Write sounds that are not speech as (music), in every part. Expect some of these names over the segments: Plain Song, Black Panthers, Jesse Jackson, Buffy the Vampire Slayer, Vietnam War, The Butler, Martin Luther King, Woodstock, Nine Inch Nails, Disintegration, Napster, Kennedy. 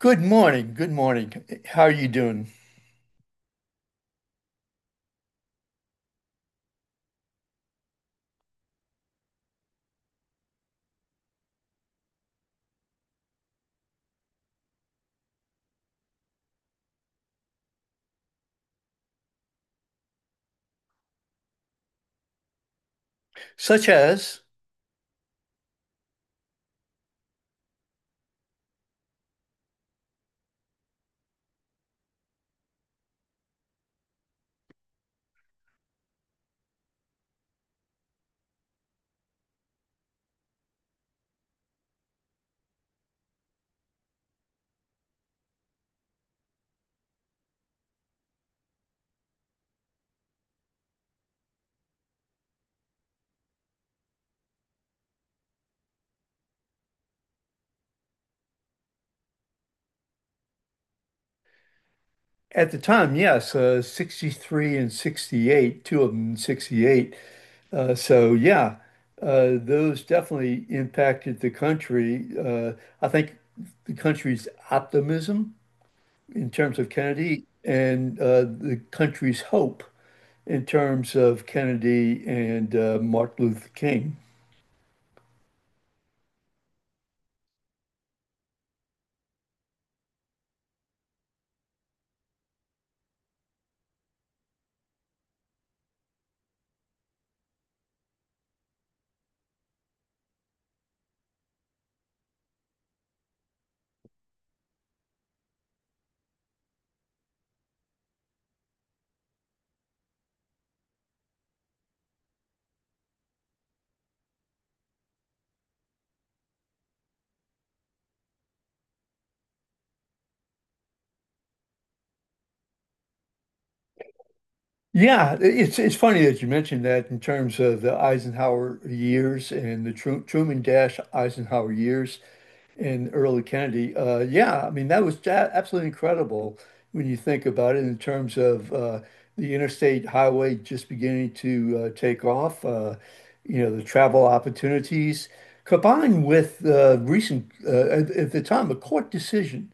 Good morning. Good morning. How are you doing? Such as, at the time, yes, 63 and 68, two of them in 68. So, yeah, those definitely impacted the country. I think the country's optimism in terms of Kennedy and the country's hope in terms of Kennedy and Martin Luther King. Yeah, it's funny that you mentioned that in terms of the Eisenhower years and the Truman Dash Eisenhower years and early Kennedy. Yeah, I mean that was absolutely incredible when you think about it in terms of the interstate highway just beginning to take off. You know the travel opportunities combined with recent at the time a court decision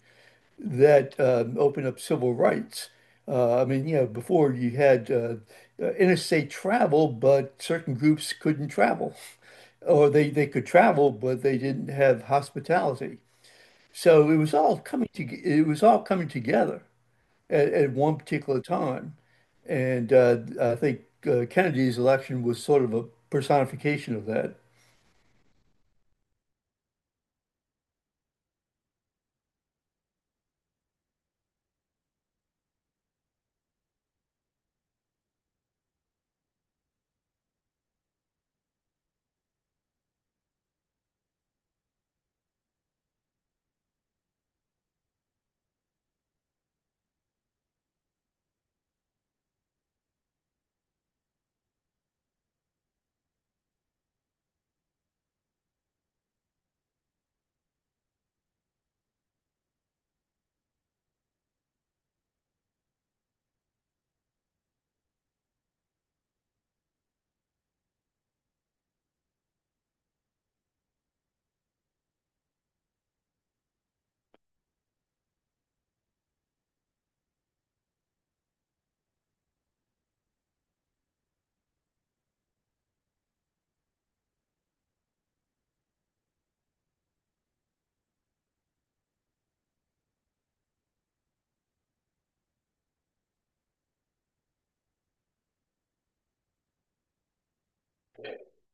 that opened up civil rights. I mean, you know, before you had interstate travel, but certain groups couldn't travel, or they could travel, but they didn't have hospitality. So it was all it was all coming together at one particular time. And I think Kennedy's election was sort of a personification of that.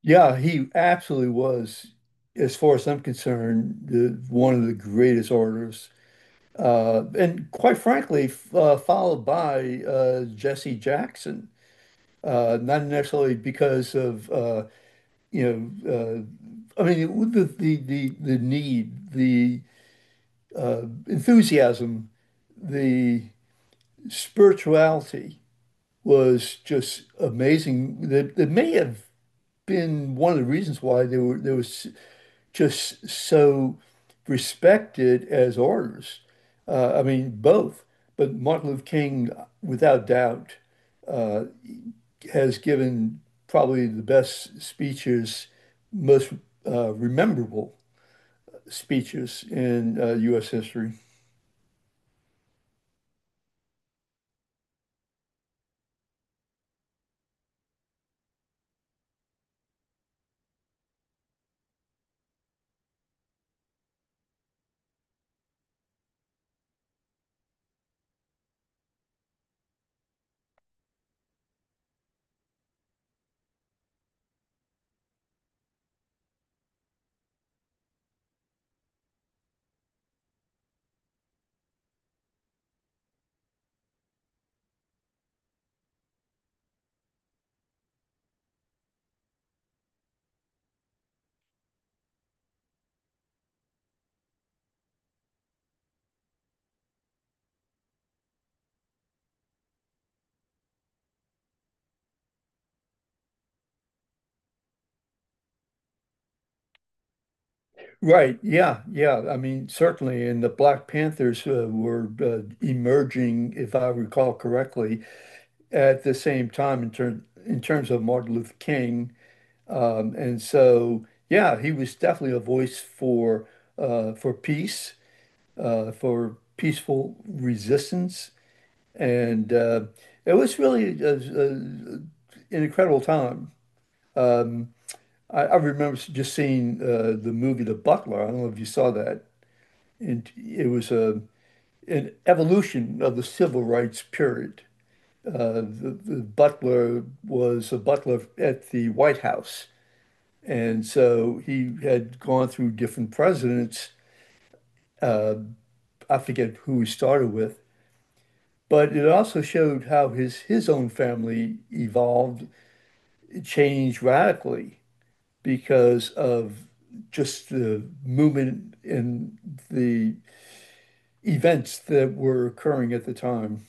Yeah, he absolutely was, as far as I'm concerned, one of the greatest orators and quite frankly, followed by Jesse Jackson. Not necessarily because of you know, I mean the need, the enthusiasm, the spirituality was just amazing. That may have been one of the reasons why they was just so respected as orators. I mean both, but Martin Luther King, without doubt, uh, has given probably the best speeches, most rememberable speeches in U.S. history. Right. Yeah. Yeah. I mean, certainly. And the Black Panthers were emerging, if I recall correctly, at the same time in terms of Martin Luther King. And so, yeah, he was definitely a voice for peace, for peaceful resistance. And it was really an incredible time. I remember just seeing the movie The Butler. I don't know if you saw that. And it was an evolution of the civil rights period. The butler was a butler at the White House. And so he had gone through different presidents. Uh, I forget who he started with. But it also showed how his own family evolved, it changed radically, because of just the movement and the events that were occurring at the time.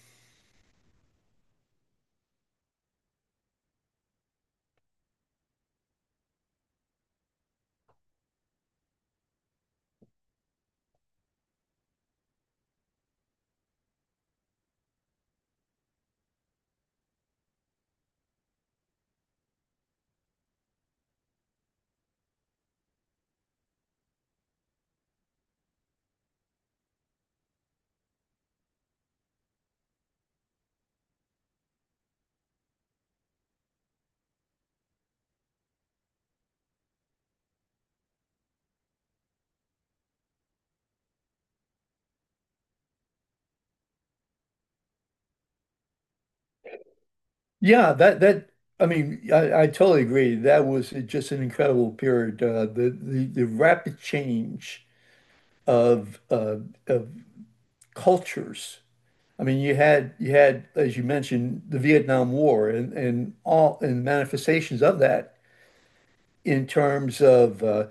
Yeah, that that I mean, I totally agree. That was just an incredible period. The rapid change of uh, of cultures. I mean, you had, as you mentioned, the Vietnam War and all and manifestations of that in terms of uh,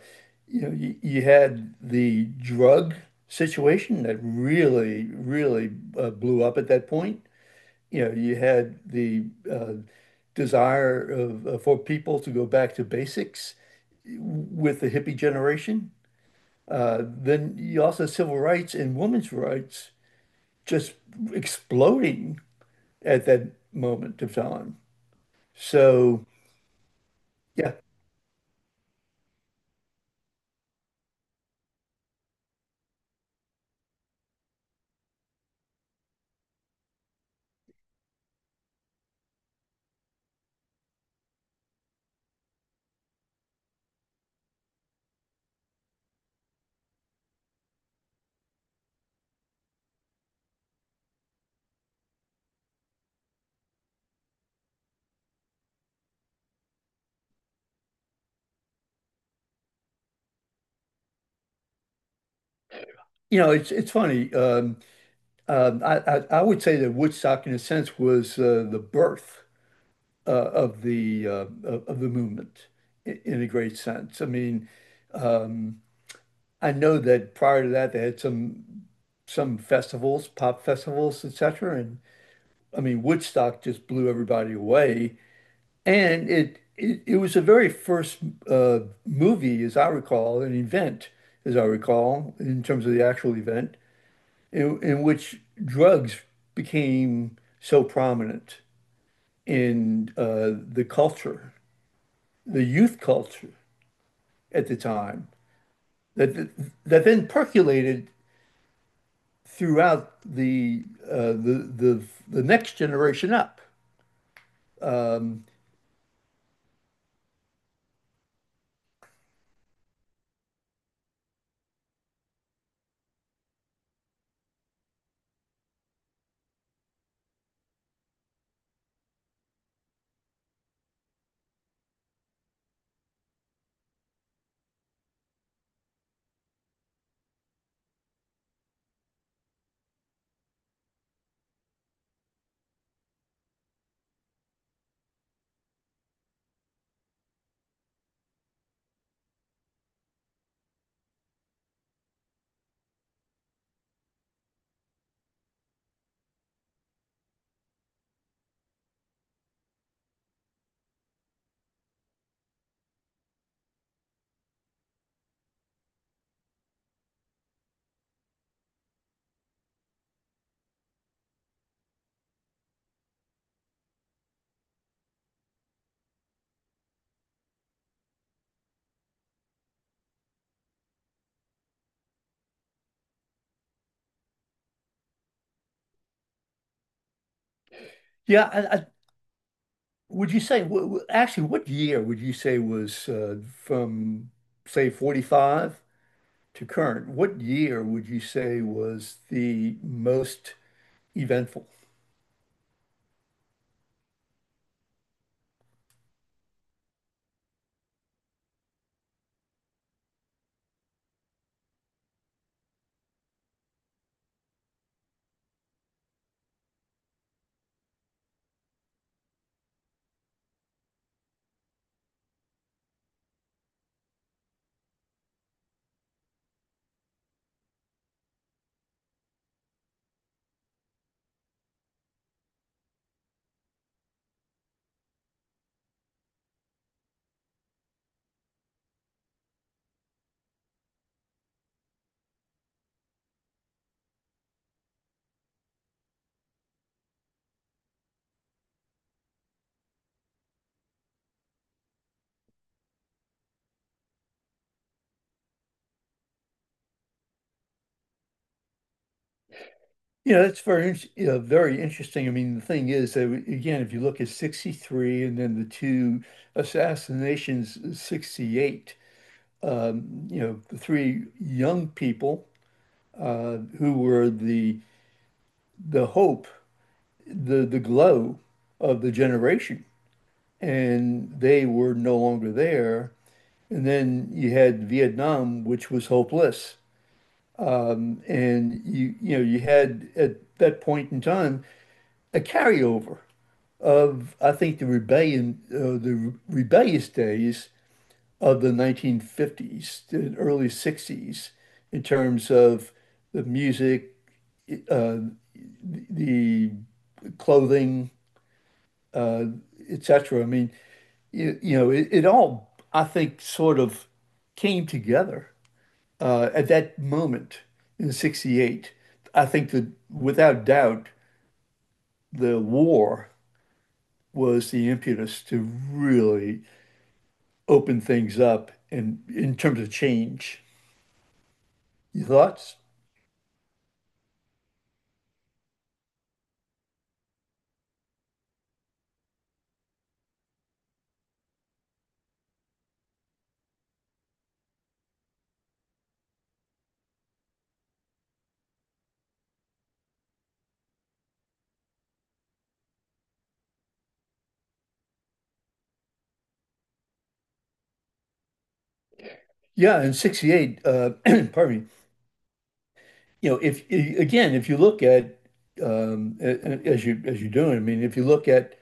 you know you, you had the drug situation that really really blew up at that point. You know, you had the uh, desire for people to go back to basics with the hippie generation. Then you also had civil rights and women's rights just exploding at that moment of time. So yeah, it's funny. I would say that Woodstock, in a sense, was the birth uh, of the uh, of the movement in a great sense. I mean, I know that prior to that, they had some festivals, pop festivals, etc. And I mean, Woodstock just blew everybody away, and it was the very first uh, movie, as I recall, an event, as I recall, in terms of the actual event, in which drugs became so prominent in the culture, the youth culture at the time, that that then percolated throughout the next generation up. Yeah, would you say actually what year would you say was from say 45 to current? What year would you say was the most eventful? You know, that's very, very interesting. I mean, the thing is that again, if you look at 63 and then the two assassinations, in 68, you know, the three young people who were the hope, the glow of the generation, and they were no longer there. And then you had Vietnam, which was hopeless. And you had at that point in time a carryover of I think the rebellious days of the 1950s, the early 60s, in terms of the music, the clothing, etc. I mean, it all I think sort of came together at that moment in '68. I think that without doubt, the war was the impetus to really open things up and in terms of change. Your thoughts? Yeah, in 68, (clears throat) pardon me, you know, if, I- again, if you look at, as you're doing, I mean, if you look at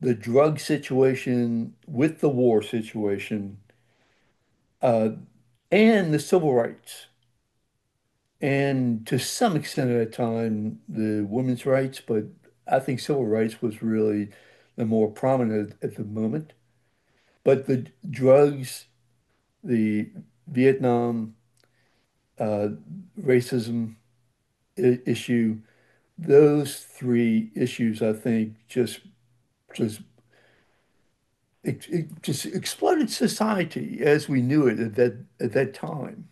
the drug situation with the war situation and the civil rights, and to some extent at a time, the women's rights, but I think civil rights was really the more prominent at the moment. But the drugs, the Vietnam, uh, racism issue, those three issues, I think, just it just exploded society as we knew it at that time.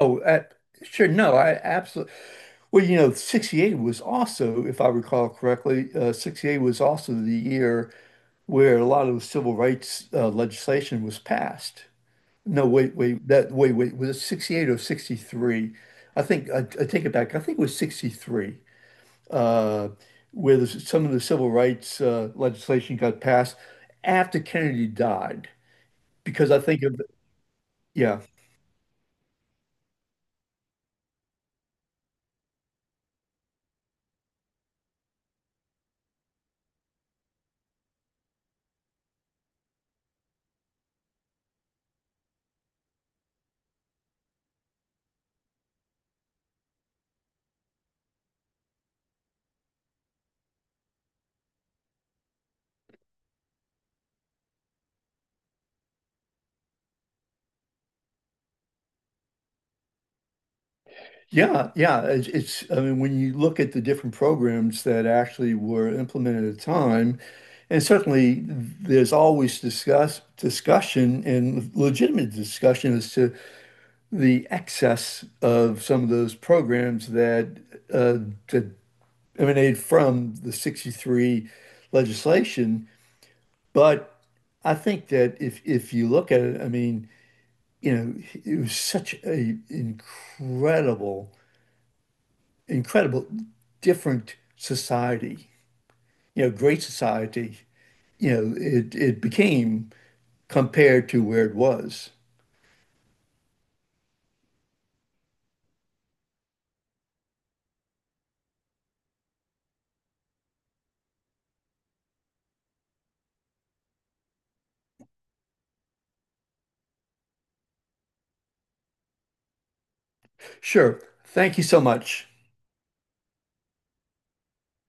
Oh, sure, no, I absolutely. Well, 68 was also, if I recall correctly, 68 was also the year where a lot of the civil rights legislation was passed. No, wait, wait, that wait, wait, was it 68 or 63? I think I take it back. I think it was 63. uh, where some of the civil rights legislation got passed after Kennedy died. Because I think of, yeah, yeah, yeah. It's, I mean, when you look at the different programs that actually were implemented at the time, and certainly there's always discussion and legitimate discussion as to the excess of some of those programs that, uh, that emanate from the 63 legislation. But I think that if you look at it, I mean, it was such a incredible, incredible different society, great society, it became compared to where it was. Sure. Thank you so much.